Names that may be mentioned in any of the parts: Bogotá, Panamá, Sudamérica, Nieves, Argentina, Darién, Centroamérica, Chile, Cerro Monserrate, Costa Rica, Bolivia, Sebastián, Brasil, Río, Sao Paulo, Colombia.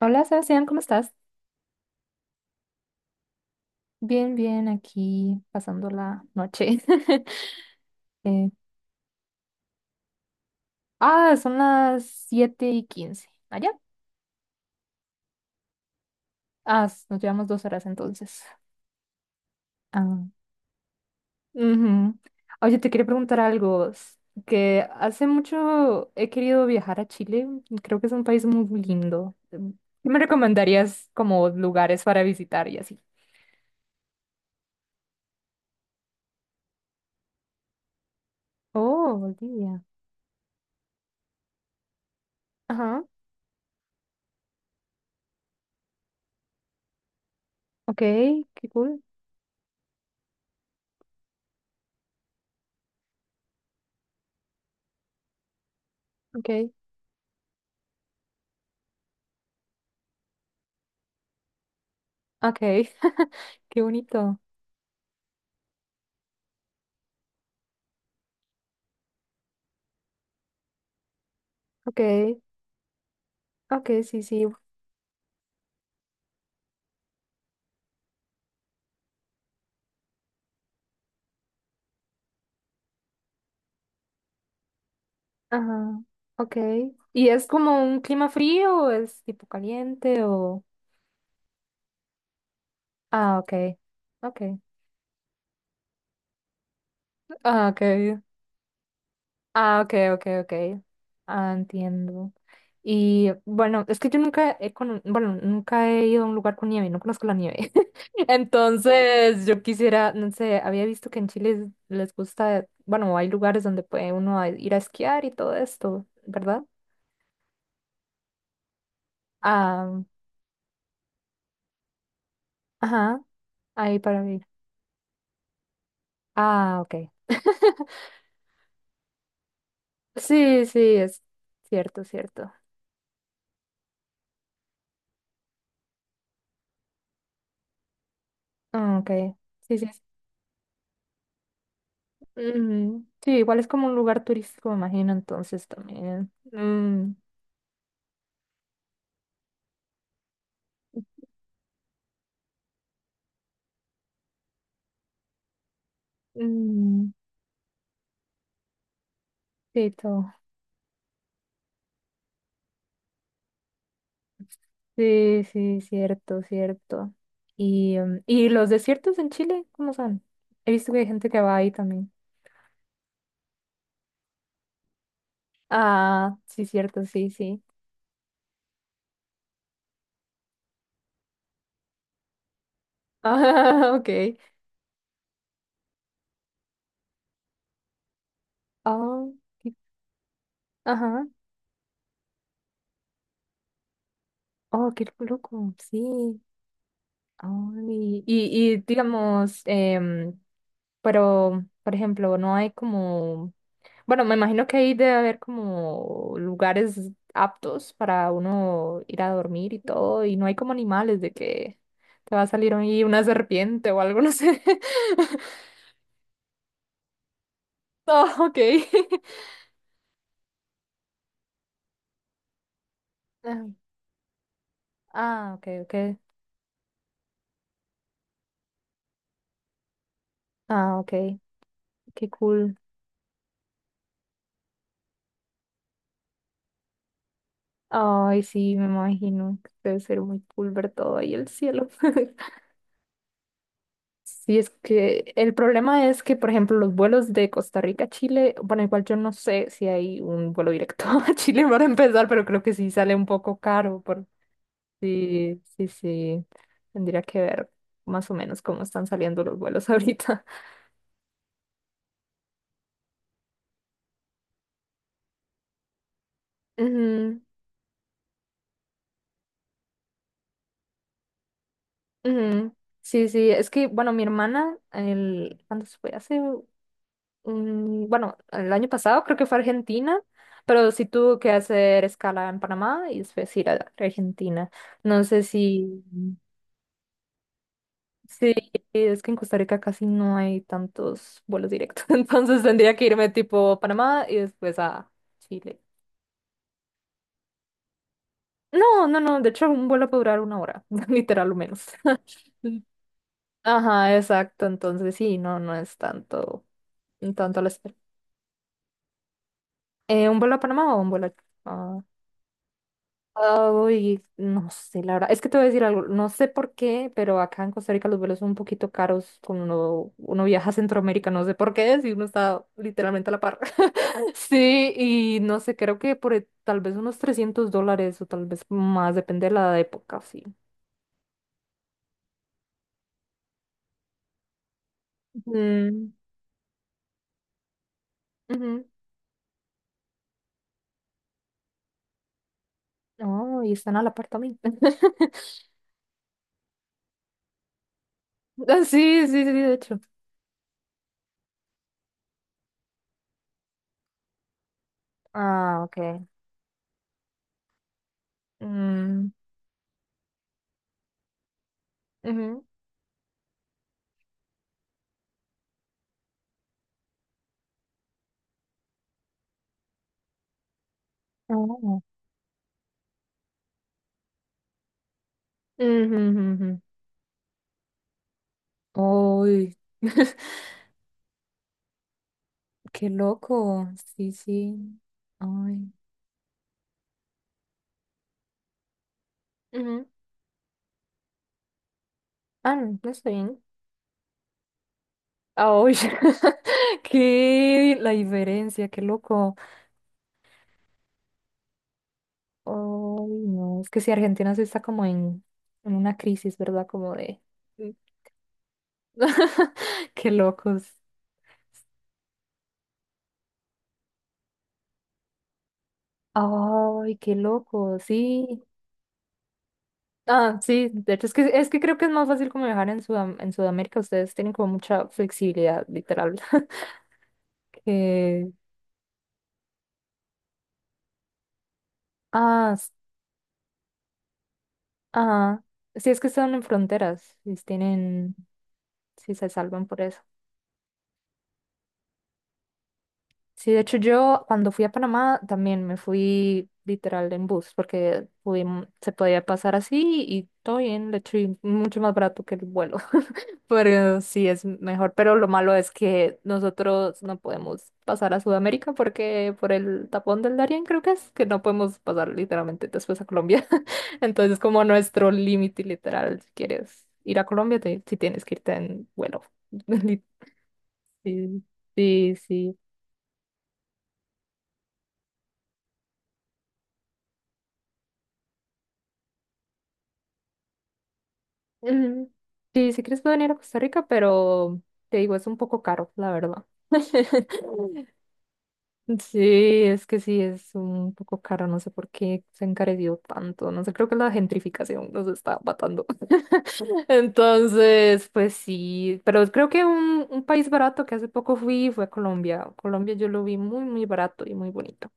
Hola, Sebastián, ¿cómo estás? Bien, bien, aquí pasando la noche. Eh, son las 7:15. ¿Allá? Ah, nos llevamos 2 horas entonces. Ah, ujú. Oye, te quería preguntar algo. Que hace mucho he querido viajar a Chile. Creo que es un país muy lindo. ¿Qué me recomendarías como lugares para visitar y así? Oh, Bolivia. Ajá. Ok, qué cool. Ok. Ok. Qué bonito. Ok. Ok, sí, sí. Ajá. Ok. ¿Y es como un clima frío o es tipo caliente o...? Ah, ok. Ok. Ah, ok. Ah, ok, ok, ok. Ah, entiendo. Y bueno, es que yo nunca he cono- bueno, nunca he ido a un lugar con nieve, no conozco la nieve. Entonces, yo quisiera, no sé, había visto que en Chile les gusta, bueno, hay lugares donde puede uno ir a esquiar y todo esto, ¿verdad? Ah, ajá, ahí para mí. Ah, ok. Sí, sí, es cierto, cierto. Ah, ok. Sí, sí. Ujú. Sí, igual es como un lugar turístico, me imagino, entonces también. Mm, mm, sí, todo. Sí, sí, cierto, cierto. Y, em, ¿y los desiertos en Chile? ¿Cómo son? He visto que hay gente que va ahí también. Ah, sí, cierto, sí, sí. Ah, ok. Ah, qué- ajá. Oh, qué loco. Sí. Ay, y digamos, pero, por ejemplo, no hay como, bueno, me imagino que ahí debe haber como lugares aptos para uno ir a dormir y todo, y no hay como animales de que te va a salir ahí una serpiente o algo, no sé. Oh, ok. Ah, ah, ok, ok. Ah, ok. Qué cool. Ay, sí, me imagino. Que debe ser muy cool ver todo ahí el cielo. Sí, es que el problema es que, por ejemplo, los vuelos de Costa Rica a Chile, bueno, igual yo no sé si hay un vuelo directo a Chile para empezar, pero creo que sí sale un poco caro. Por... Sí, sí, sí. Tendría que ver más o menos cómo están saliendo los vuelos ahorita. Ujú, ujú. Sí, sí, es que, bueno, mi hermana, ¿cuándo se fue? Hace bueno, el año pasado creo que fue a Argentina, pero sí tuvo que hacer escala en Panamá y después ir a Argentina. No sé si, sí, es que en Costa Rica casi no hay tantos vuelos directos, entonces tendría que irme tipo Panamá y después a Chile. No, no, no, de hecho un vuelo puede durar una hora, literal o menos. Ajá, exacto, entonces sí, no, no es tanto, tanto la espera. ¿Un vuelo a Panamá o un vuelo a... Ay, no sé, la verdad. Es que te voy a decir algo. No sé por qué, pero acá en Costa Rica los vuelos son un poquito caros cuando uno viaja a Centroamérica. No sé por qué, si uno está literalmente a la par. Sí, y no sé, creo que tal vez unos $300 o tal vez más, depende de la época, sí. Mm, ujú. No, y están a la par también. Ah, sí, sí, sí, de hecho. Ah, ok. Mm, ujú. Oh. Ujú, ujú, ujú. Uy. Qué loco. Sí, sí. Ay. Ujú. Ah, no, no está bien. Ah, uy. Qué la diferencia, qué loco. Ay, no. Es que si Argentina sí está como en una crisis, ¿verdad? Como de. Qué locos. Ay, qué loco. Sí. Ah, sí. De hecho, es que creo que es más fácil como viajar en en Sudamérica. Ustedes tienen como mucha flexibilidad, literal. Que. Ah, ajá. Sí, es que están en fronteras, si tienen, si se salvan por eso. Sí, de hecho yo cuando fui a Panamá también me fui literal en bus porque se podía pasar así y todo bien, de hecho y mucho más barato que el vuelo. Pero sí es mejor, pero lo malo es que nosotros no podemos pasar a Sudamérica porque por el tapón del Darién creo que es que no podemos pasar literalmente después a Colombia. Entonces es como nuestro límite literal. Si quieres ir a Colombia, si tienes que irte en vuelo. Li- Sí, sí, sí. Mm, sí, si quieres puedo venir a Costa Rica, pero te digo, es un poco caro, la verdad. Sí, es que sí, es un poco caro, no sé por qué se ha encarecido tanto, no sé, creo que la gentrificación nos está matando. Entonces, pues sí, pero creo que un país barato que hace poco fui fue a Colombia. Colombia yo lo vi muy, muy barato y muy bonito.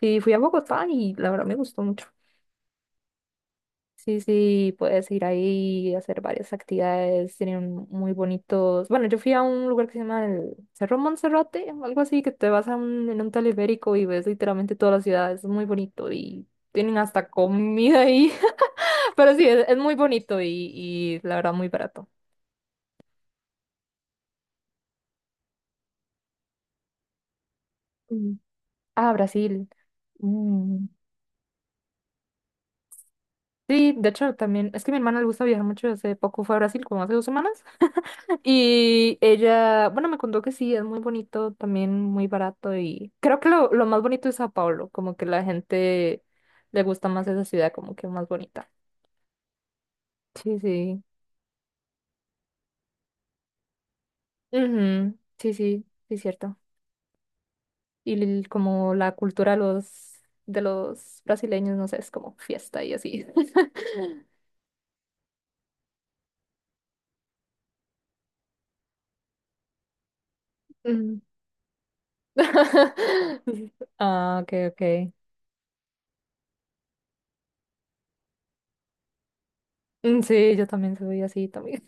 Sí, fui a Bogotá y la verdad me gustó mucho. Sí, sí, puedes ir ahí y hacer varias actividades, tienen muy bonitos. Bueno, yo fui a un lugar que se llama el Cerro Monserrate, algo así, que te vas a en un teleférico y ves literalmente toda la ciudad, es muy bonito y tienen hasta comida ahí, pero sí, es muy bonito y la verdad muy barato. Mm. Ah, Brasil. Mm. Sí, de hecho también, es que a mi hermana le gusta viajar mucho, hace poco fue a Brasil, como hace 2 semanas. Y ella, bueno, me contó que sí, es muy bonito, también muy barato y creo que lo más bonito es Sao Paulo, como que la gente le gusta más esa ciudad, como que más bonita. Sí, sí. Ujú, sí, sí, sí, cierto. Y como la cultura de los brasileños, no sé, es como fiesta y así. Ujú. Ah, ok, ok. Mm, sí, yo también soy así, también.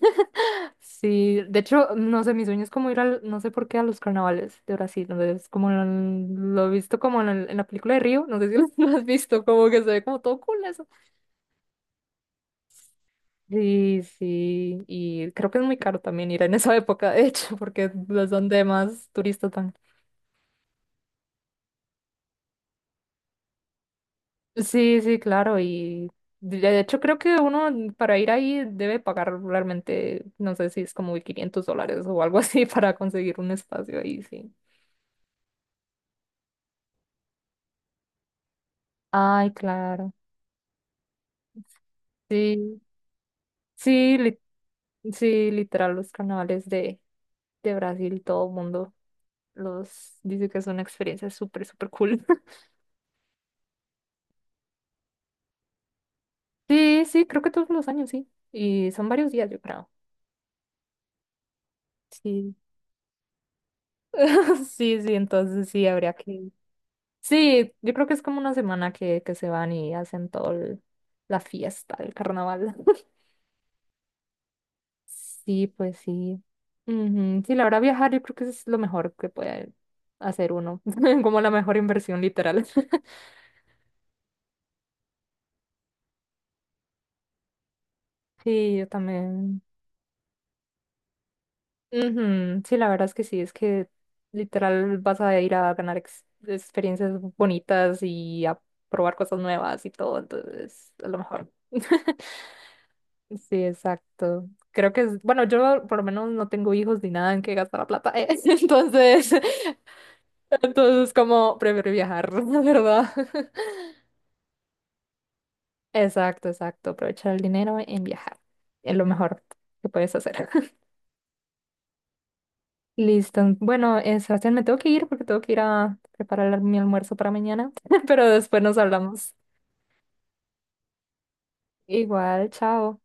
Sí, de hecho, no sé, mi sueño es como ir al, no sé por qué, a los carnavales de Brasil, donde es como lo he visto como en, en la película de Río, no sé si lo lo has visto, como que se ve como todo cool eso. Sí, sí, y creo que es muy caro también ir en esa época, de hecho, porque es donde más turistas van. Sí, sí, claro, y de hecho creo que uno para ir ahí debe pagar realmente, no sé si es como $500 o algo así para conseguir un espacio ahí, sí. Ay, claro. Sí, sí, sí, literal, los carnavales de Brasil, todo el mundo los dice que es una experiencia súper, súper cool. Sí, sí, creo que todos los años, sí. Y son varios días, yo creo. Sí, sí, sí, entonces sí, habría que... Sí, yo creo que es como una semana que se van y hacen todo la fiesta del carnaval. Sí, pues sí. Ujú, sí, la verdad, viajar yo creo que es lo mejor que puede hacer uno, como la mejor inversión, literal. Sí, yo también. Ujú, sí, la verdad es que sí, es que literal vas a ir a ganar experiencias bonitas y a probar cosas nuevas y todo, entonces a lo mejor. Sí, exacto. Creo que es, bueno, yo por lo menos no tengo hijos ni nada en que gastar la plata, entonces, entonces como prefiero viajar, la verdad. Exacto, exacto. Aprovechar el dinero en viajar. Es lo mejor que puedes hacer. Listo. Bueno, Sebastián, me tengo que ir porque tengo que ir a preparar mi almuerzo para mañana, pero después nos hablamos. Igual, chao.